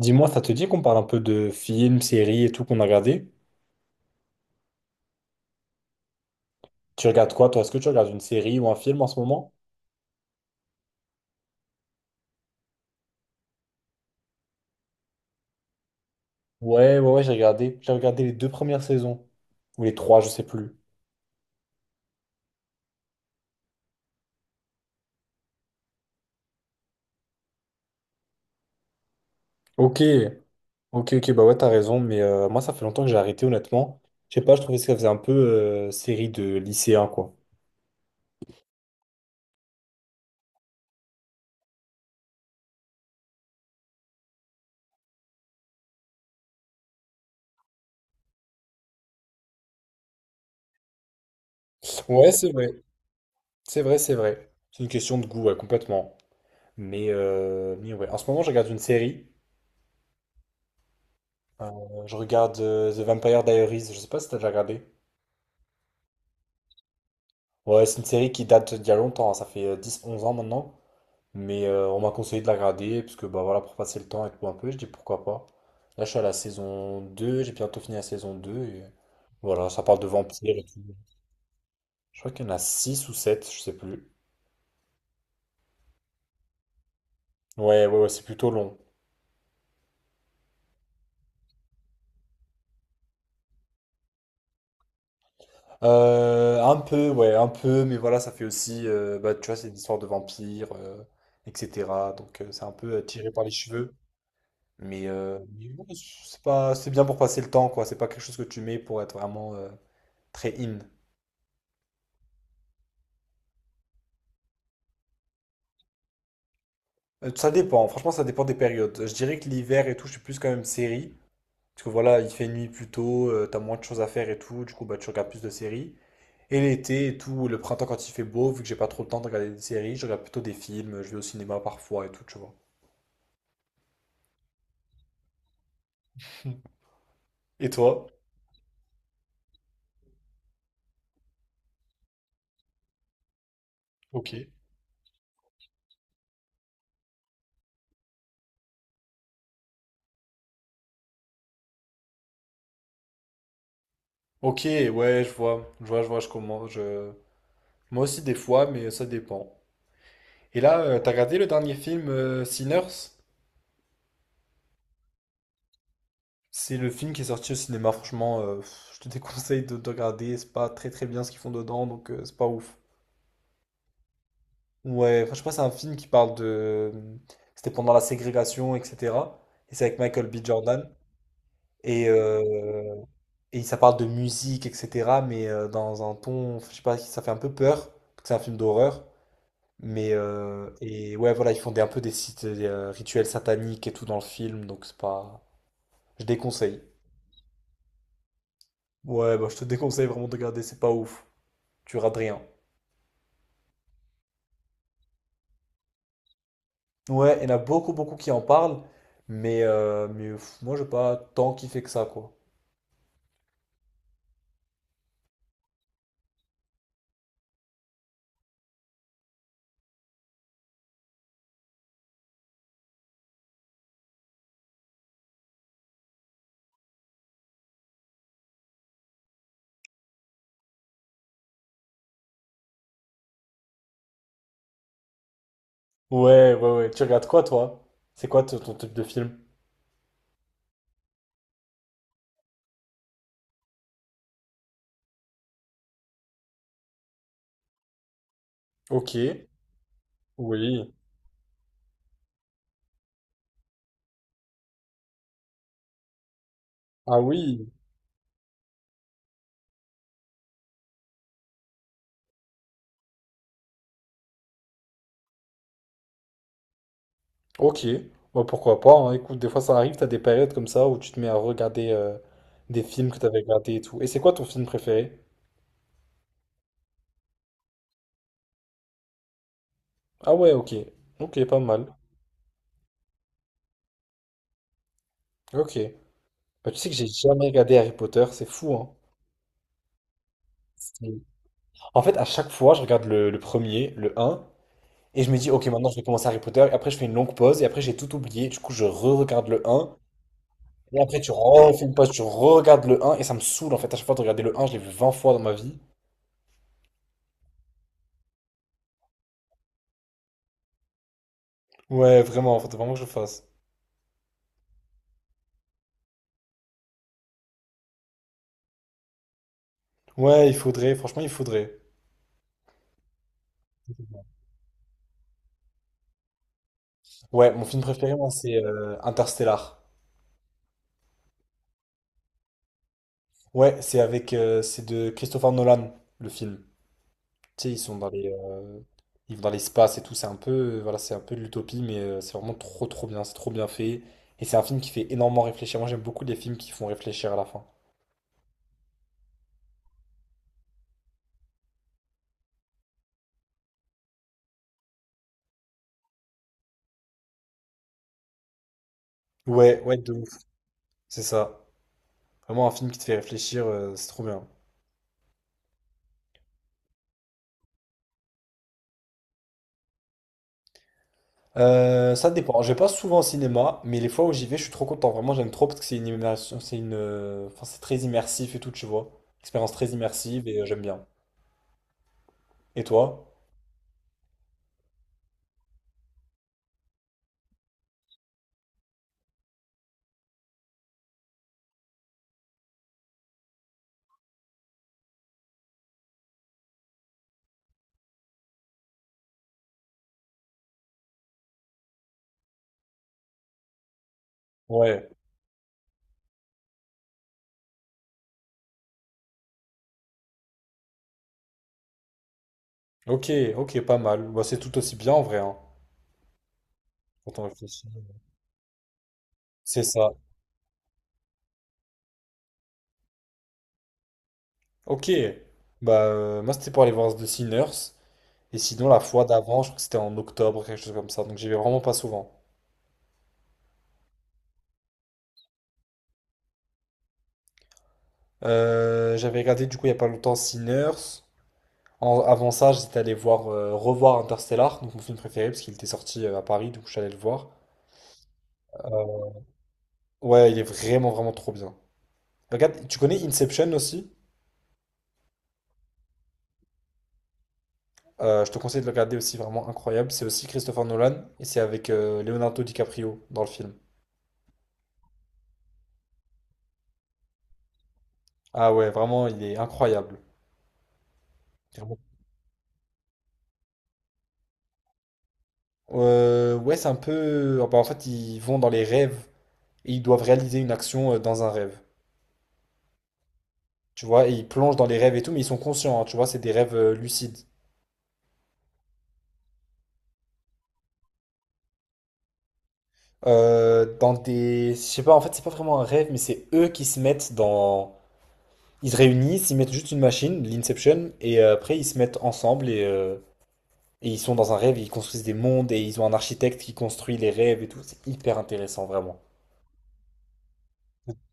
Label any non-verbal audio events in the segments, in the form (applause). Dis-moi, ça te dit qu'on parle un peu de films, séries et tout qu'on a regardé? Tu regardes quoi, toi? Est-ce que tu regardes une série ou un film en ce moment? Ouais, ouais, ouais, j'ai regardé. J'ai regardé les deux premières saisons. Ou les trois, je sais plus. Ok, ok, ok, bah ouais, t'as raison. Mais moi, ça fait longtemps que j'ai arrêté, honnêtement. Je sais pas, je trouvais que ça faisait un peu série de lycéen, quoi. Ouais, c'est vrai. C'est vrai, c'est vrai. C'est une question de goût, ouais, complètement. Mais ouais, en ce moment, je regarde une série. Euh, je regarde The Vampire Diaries. Je sais pas si t'as déjà regardé. Ouais, c'est une série qui date d'il y a longtemps, hein, ça fait 10, 11 ans maintenant. Mais on m'a conseillé de la regarder, parce que bah voilà, pour passer le temps et tout un peu, je dis pourquoi pas. Là, je suis à la saison 2. J'ai bientôt fini la saison 2. Et voilà, ça parle de vampires et tout. Je crois qu'il y en a 6 ou 7, je sais plus. Ouais, ouais, ouais, c'est plutôt long. Un peu, ouais, un peu, mais voilà, ça fait aussi, bah tu vois, c'est une histoire de vampires, etc. Donc c'est un peu tiré par les cheveux. Mais ouais, c'est pas, c'est bien pour passer le temps, quoi. C'est pas quelque chose que tu mets pour être vraiment très in. Ça dépend, franchement, ça dépend des périodes. Je dirais que l'hiver et tout, je suis plus quand même série. Parce que voilà, il fait nuit plus tôt, t'as moins de choses à faire et tout, du coup, bah, tu regardes plus de séries. Et l'été et tout, le printemps quand il fait beau, vu que j'ai pas trop le temps de regarder des séries, je regarde plutôt des films, je vais au cinéma parfois et tout, tu vois. Et toi? Ok. Ok, ouais, je vois, je vois, je vois, je commence. Moi aussi des fois, mais ça dépend. Et là, t'as regardé le dernier film Sinners? C'est le film qui est sorti au cinéma. Franchement, je te (laughs) déconseille de regarder. C'est pas très très bien ce qu'ils font dedans, donc c'est pas ouf. Ouais, enfin, je sais pas, c'est un film qui parle de. C'était pendant la ségrégation, etc. Et c'est avec Michael B. Jordan. Et, euh, et ça parle de musique, etc. Mais dans un ton, je sais pas, ça fait un peu peur parce que c'est un film d'horreur. Mais et ouais, voilà, ils font des, un peu des sites, des, rituels sataniques et tout dans le film, donc c'est pas. Je déconseille. Ouais, bah, je te déconseille vraiment de regarder, c'est pas ouf. Tu rates rien. Ouais, il y en a beaucoup, beaucoup qui en parlent, mais moi, j'ai pas tant kiffé que ça, quoi. Ouais, ouais, ouais. Tu regardes quoi, toi? C'est quoi ton type de film? Ok, oui. Ah oui, ok. Bah, pourquoi pas, hein. Écoute, des fois, ça arrive, t'as des périodes comme ça où tu te mets à regarder des films que t'avais regardés et tout. Et c'est quoi ton film préféré? Ah ouais, ok. Ok, pas mal. Ok. Bah, tu sais que j'ai jamais regardé Harry Potter, c'est fou, hein. En fait, à chaque fois, je regarde le premier, le un, et je me dis, ok, maintenant je vais commencer Harry Potter, et après je fais une longue pause, et après j'ai tout oublié, du coup je re-regarde le un, et après tu refais une pause, tu re-regardes le un, et ça me saoule en fait, à chaque fois de regarder le un, je l'ai vu 20 fois dans ma vie. Ouais, vraiment, faut vraiment que je le fasse. Ouais, il faudrait, franchement, il faudrait. Ouais, mon film préféré, moi, c'est Interstellar. Ouais, c'est avec, c'est de Christopher Nolan, le film. Tu sais, ils sont dans les, ils vont dans l'espace et tout. C'est un peu, voilà, c'est un peu de l'utopie, mais c'est vraiment trop, trop bien. C'est trop bien fait. Et c'est un film qui fait énormément réfléchir. Moi, j'aime beaucoup les films qui font réfléchir à la fin. Ouais, ouais, de ouf. C'est ça. Vraiment un film qui te fait réfléchir. C'est trop bien. Ça dépend. Je vais pas souvent au cinéma, mais les fois où j'y vais, je suis trop content. Vraiment, j'aime trop parce que c'est une immersion, c'est une, enfin, c'est très immersif et tout, tu vois. Expérience très immersive et j'aime bien. Et toi? Ouais. Ok, ok, pas mal. Bah, c'est tout aussi bien en vrai, hein, quand on réfléchit. C'est ça. Ok. Bah, moi, c'était pour aller voir The Sinners. Et sinon, la fois d'avant, je crois que c'était en octobre, quelque chose comme ça. Donc, j'y vais vraiment pas souvent. J'avais regardé, du coup, il y a pas longtemps, Sinners. Avant ça, j'étais allé voir, revoir Interstellar, donc mon film préféré, parce qu'il était sorti à Paris, donc je suis allé le voir. Ouais, il est vraiment, vraiment trop bien. Regarde, tu connais Inception aussi? Je te conseille de le regarder aussi, vraiment incroyable. C'est aussi Christopher Nolan, et c'est avec Leonardo DiCaprio dans le film. Ah ouais, vraiment, il est incroyable. Ouais, c'est un peu, ah bah, en fait, ils vont dans les rêves et ils doivent réaliser une action dans un rêve. Tu vois, et ils plongent dans les rêves et tout, mais ils sont conscients, hein, tu vois, c'est des rêves lucides. Dans des. Je sais pas, en fait, c'est pas vraiment un rêve, mais c'est eux qui se mettent dans. Ils se réunissent, ils mettent juste une machine, l'Inception, et après ils se mettent ensemble et ils sont dans un rêve, ils construisent des mondes et ils ont un architecte qui construit les rêves et tout. C'est hyper intéressant, vraiment.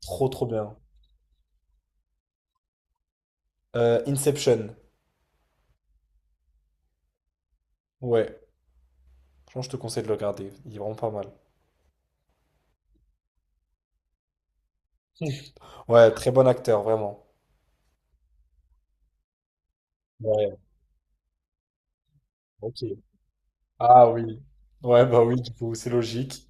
Trop, trop bien. Inception, ouais. Franchement, je te conseille de le regarder, il est vraiment pas mal. (laughs) Ouais, très bon acteur, vraiment. Ouais, ok. Ah oui. Ouais, bah oui, du coup, c'est logique.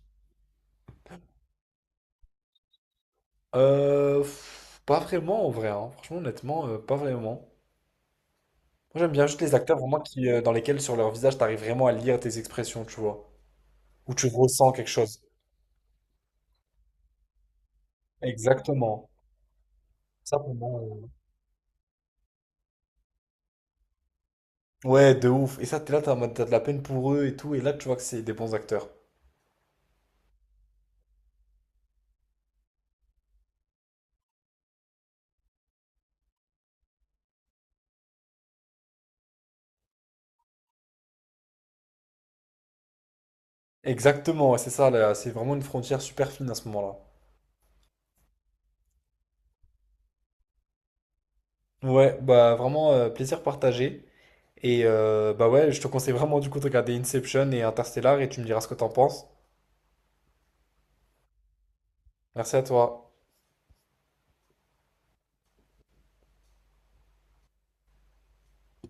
Pas vraiment, en vrai, hein. Franchement, honnêtement, pas vraiment. Moi, j'aime bien juste les acteurs vraiment qui, dans lesquels, sur leur visage, t'arrives vraiment à lire tes expressions, tu vois. Ou tu ressens quelque chose. Exactement. Ça, pour moi. Ouais, de ouf. Et ça, t'es là, t'as de la peine pour eux et tout. Et là, tu vois que c'est des bons acteurs. Exactement, ouais, c'est ça, là. C'est vraiment une frontière super fine à ce moment-là. Ouais, bah vraiment, plaisir partagé. Et bah ouais, je te conseille vraiment du coup de regarder Inception et Interstellar et tu me diras ce que t'en penses. Merci à toi.